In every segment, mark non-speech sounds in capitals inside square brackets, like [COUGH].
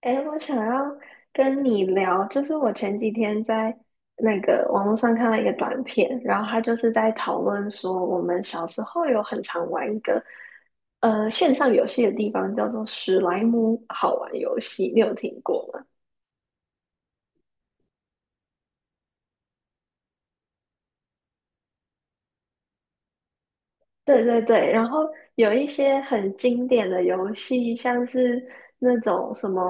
哎，我想要跟你聊，就是我前几天在那个网络上看到一个短片，然后他就是在讨论说，我们小时候有很常玩一个线上游戏的地方，叫做史莱姆好玩游戏，你有听过吗？对对对，然后有一些很经典的游戏，像是那种什么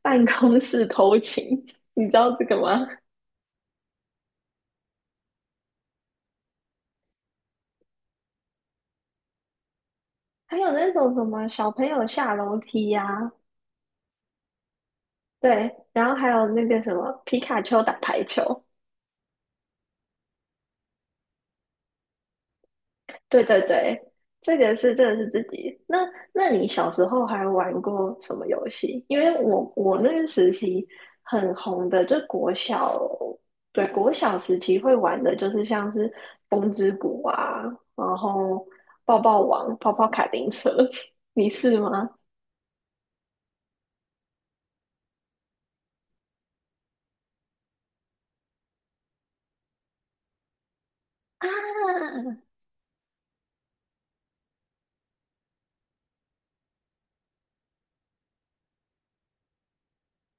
办公室偷情，[LAUGHS] 你知道这个吗？还有那种什么小朋友下楼梯呀、对，然后还有那个什么皮卡丘打排球，对对对，这个是自己。那你小时候还玩过什么游戏？因为我那个时期很红的，就国小，对国小时期会玩的就是像是风之谷啊，然后抱抱王、跑跑卡丁车，[LAUGHS] 你是吗？啊，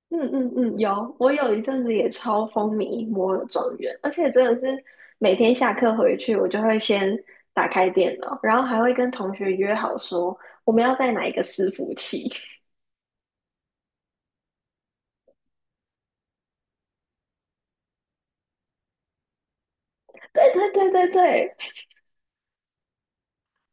嗯嗯嗯，有，我有一阵子也超风靡摩尔庄园，而且真的是每天下课回去，我就会先打开电脑，然后还会跟同学约好说我们要在哪一个伺服器。[LAUGHS] 对对对对对，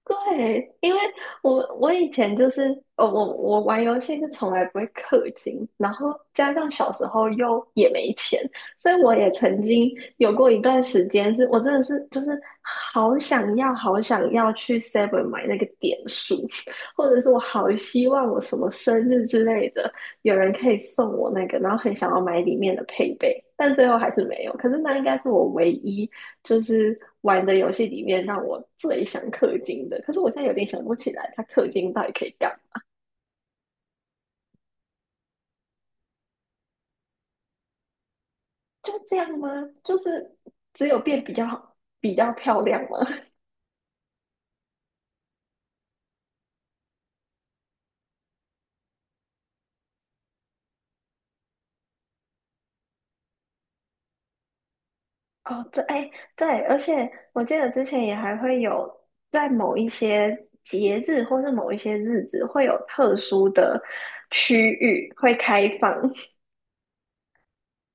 对，因为我以前就是我玩游戏是从来不会氪金，然后加上小时候又也没钱，所以我也曾经有过一段时间是，我真的是就是好想要好想要去 Seven 买那个点数，[LAUGHS] 或者是我好希望我什么生日之类的，有人可以送我那个，然后很想要买里面的配备，但最后还是没有。可是那应该是我唯一。就是玩的游戏里面让我最想氪金的，可是我现在有点想不起来，它氪金到底可以干嘛？就这样吗？就是只有变比较好，比较漂亮吗？[LAUGHS] 哦，对，哎，对，而且我记得之前也还会有在某一些节日或是某一些日子会有特殊的区域会开放，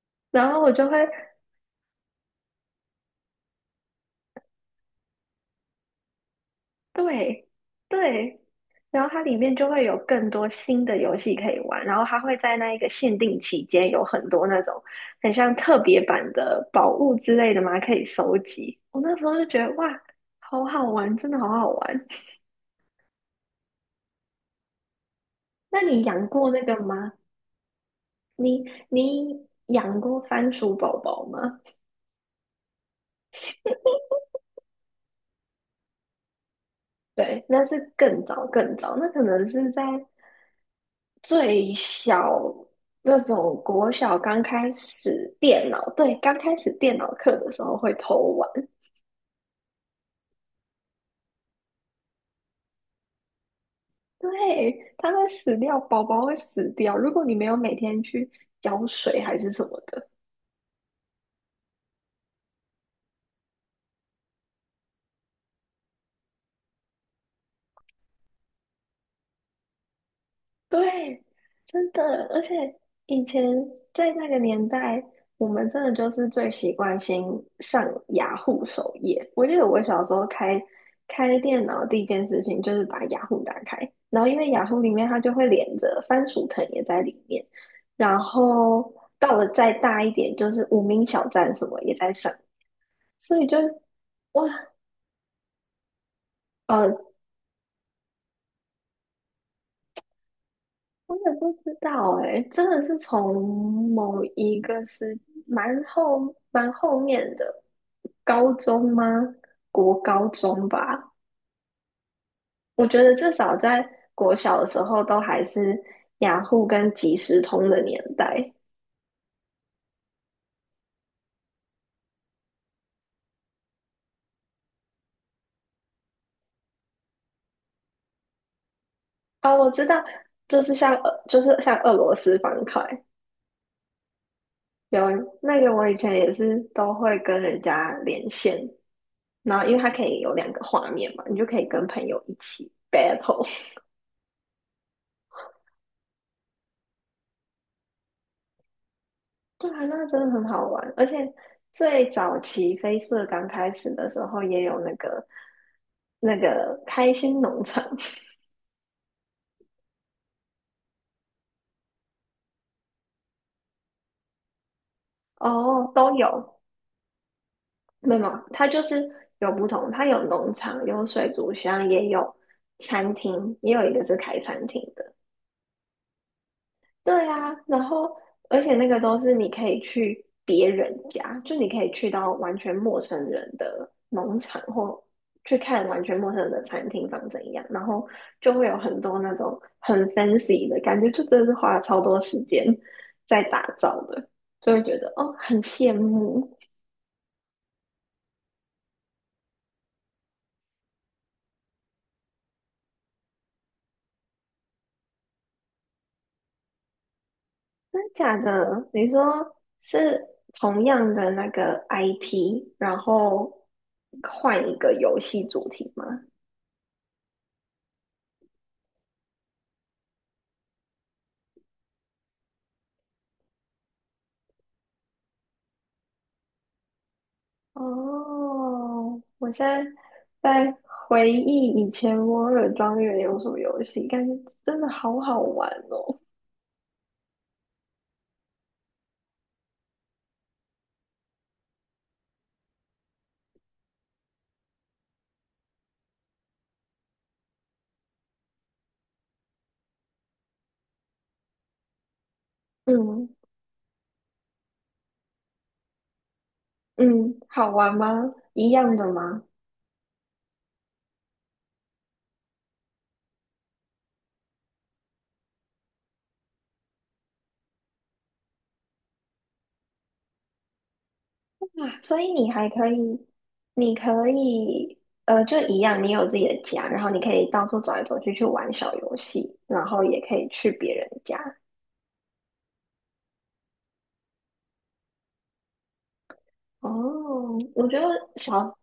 [LAUGHS] 然后我就会对对，然后它里面就会有更多新的游戏可以玩，然后它会在那一个限定期间有很多那种很像特别版的宝物之类的嘛，可以收集。我那时候就觉得哇，好好玩，真的好好玩。那你养过那个吗？你养过番薯宝宝吗？对，那是更早更早，那可能是在最小那种国小刚开始电脑，对，刚开始电脑课的时候会偷玩，对，它会死掉，宝宝会死掉。如果你没有每天去浇水还是什么的，[LAUGHS] 对，真的，而且以前在那个年代，我们真的就是最习惯先上雅虎首页。我记得我小时候开开电脑第一件事情就是把雅虎打开，然后因为雅虎里面它就会连着番薯藤也在里面，然后到了再大一点就是无名小站什么也在上，所以就哇，呃。我也不知道哎、真的是从某一个是蛮后面的高中吗？国高中吧，我觉得至少在国小的时候都还是雅虎跟即时通的年代。哦，我知道，就是像俄罗斯方块，有那个我以前也是都会跟人家连线，然后因为它可以有两个画面嘛，你就可以跟朋友一起 battle。对啊，那真的很好玩，而且最早期飞 a 刚开始的时候，也有那个开心农场 [LAUGHS] 哦，都有，没有，没有它就是有不同，它有农场，有水族箱，也有餐厅，也有一个是开餐厅的。对啊，然后而且那个都是你可以去别人家，就你可以去到完全陌生人的农场或去看完全陌生人的餐厅长怎样，然后就会有很多那种很 fancy 的感觉，就真的是花了超多时间在打造的，就会觉得哦很羡慕，真的假的？你说是同样的那个 IP，然后换一个游戏主题吗？哦，我现在在回忆以前《摩尔庄园》有什么游戏，感觉真的好好玩哦。嗯嗯，好玩吗？一样的吗？啊，所以你还可以，你可以，就一样，你有自己的家，然后你可以到处走来走去去玩小游戏，然后也可以去别人家。哦，我觉得小，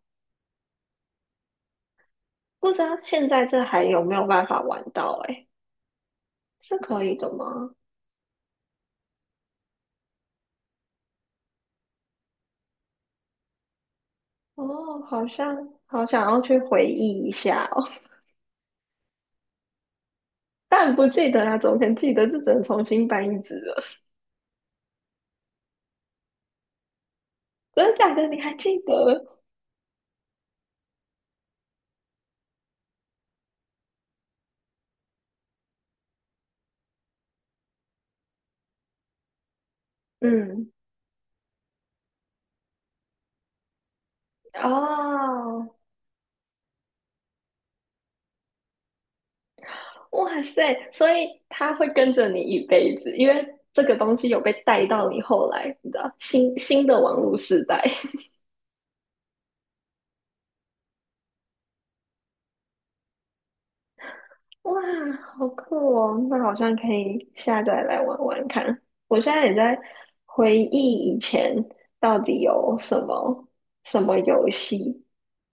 不知道现在这还有没有办法玩到、欸，诶，是可以的吗？哦，好像好想要去回忆一下哦，[LAUGHS] 但不记得啊，怎么可能记得？这只能重新搬一只了。[LAUGHS] 真的假的？你还记得？嗯，哦，哇塞！所以它会跟着你一辈子，因为这个东西有被带到你后来，你知道，新的网络时代。[LAUGHS] 哇，好酷哦！那好像可以下载来玩玩看。我现在也在回忆以前到底有什么什么游戏。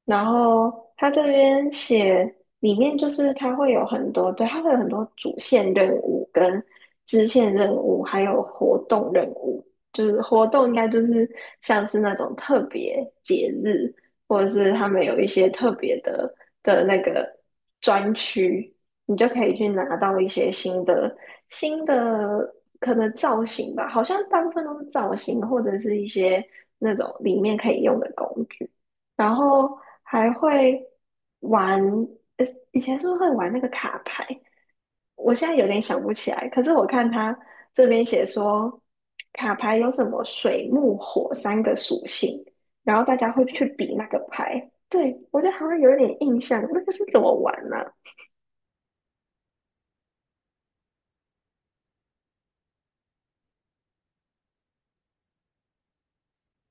然后他这边写里面就是他会有很多，对，他会有很多主线任务跟支线任务，还有活动任务。就是活动应该就是像是那种特别节日，或者是他们有一些特别的那个专区，你就可以去拿到一些新的可能造型吧，好像大部分都是造型或者是一些那种里面可以用的工具。然后还会玩，呃，以前是不是会玩那个卡牌？我现在有点想不起来。可是我看他这边写说，卡牌有什么水、木、火三个属性，然后大家会去比那个牌。对，我觉得好像有一点印象，那个是怎么玩呢、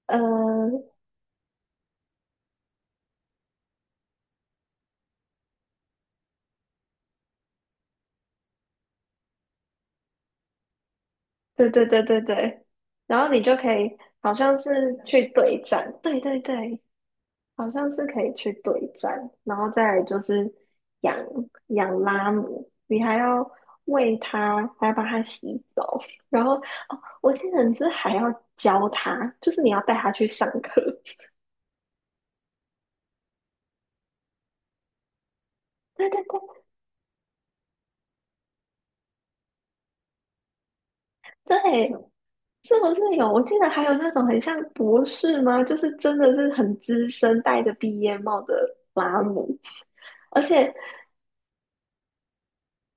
呃，对对对对对，然后你就可以，好像是去对战，对对对，好像是可以去对战，然后再来就是养养拉姆，你还要喂它，还要帮它洗澡，然后哦，我记得你是不是还要教它，就是你要带它去上课。[LAUGHS] 对对对对，是不是有？我记得还有那种很像博士吗？就是真的是很资深，戴着毕业帽的拉姆。[LAUGHS] 而且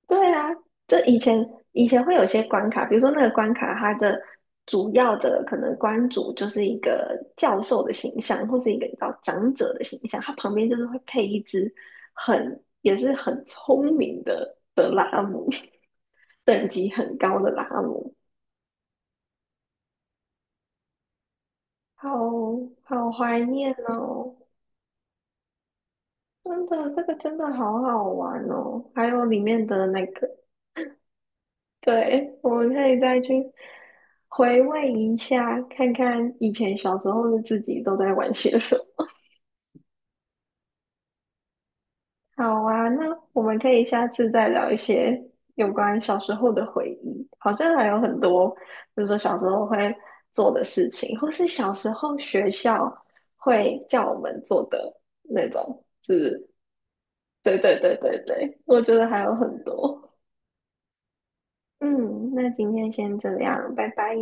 对啊，就以前会有些关卡，比如说那个关卡，它的主要的可能关主就是一个教授的形象，或是一个比较长者的形象，它旁边就是会配一只很也是很聪明的拉姆，[LAUGHS] 等级很高的拉姆，好好怀念哦！真的，这个真的好好玩哦，还有里面的那个。对，我们可以再去回味一下，看看以前小时候的自己都在玩些什么。好啊，那我们可以下次再聊一些有关小时候的回忆，好像还有很多，比如说小时候会做的事情，或是小时候学校会叫我们做的那种，就是对对对对对，我觉得还有很多。嗯，那今天先这样，拜拜。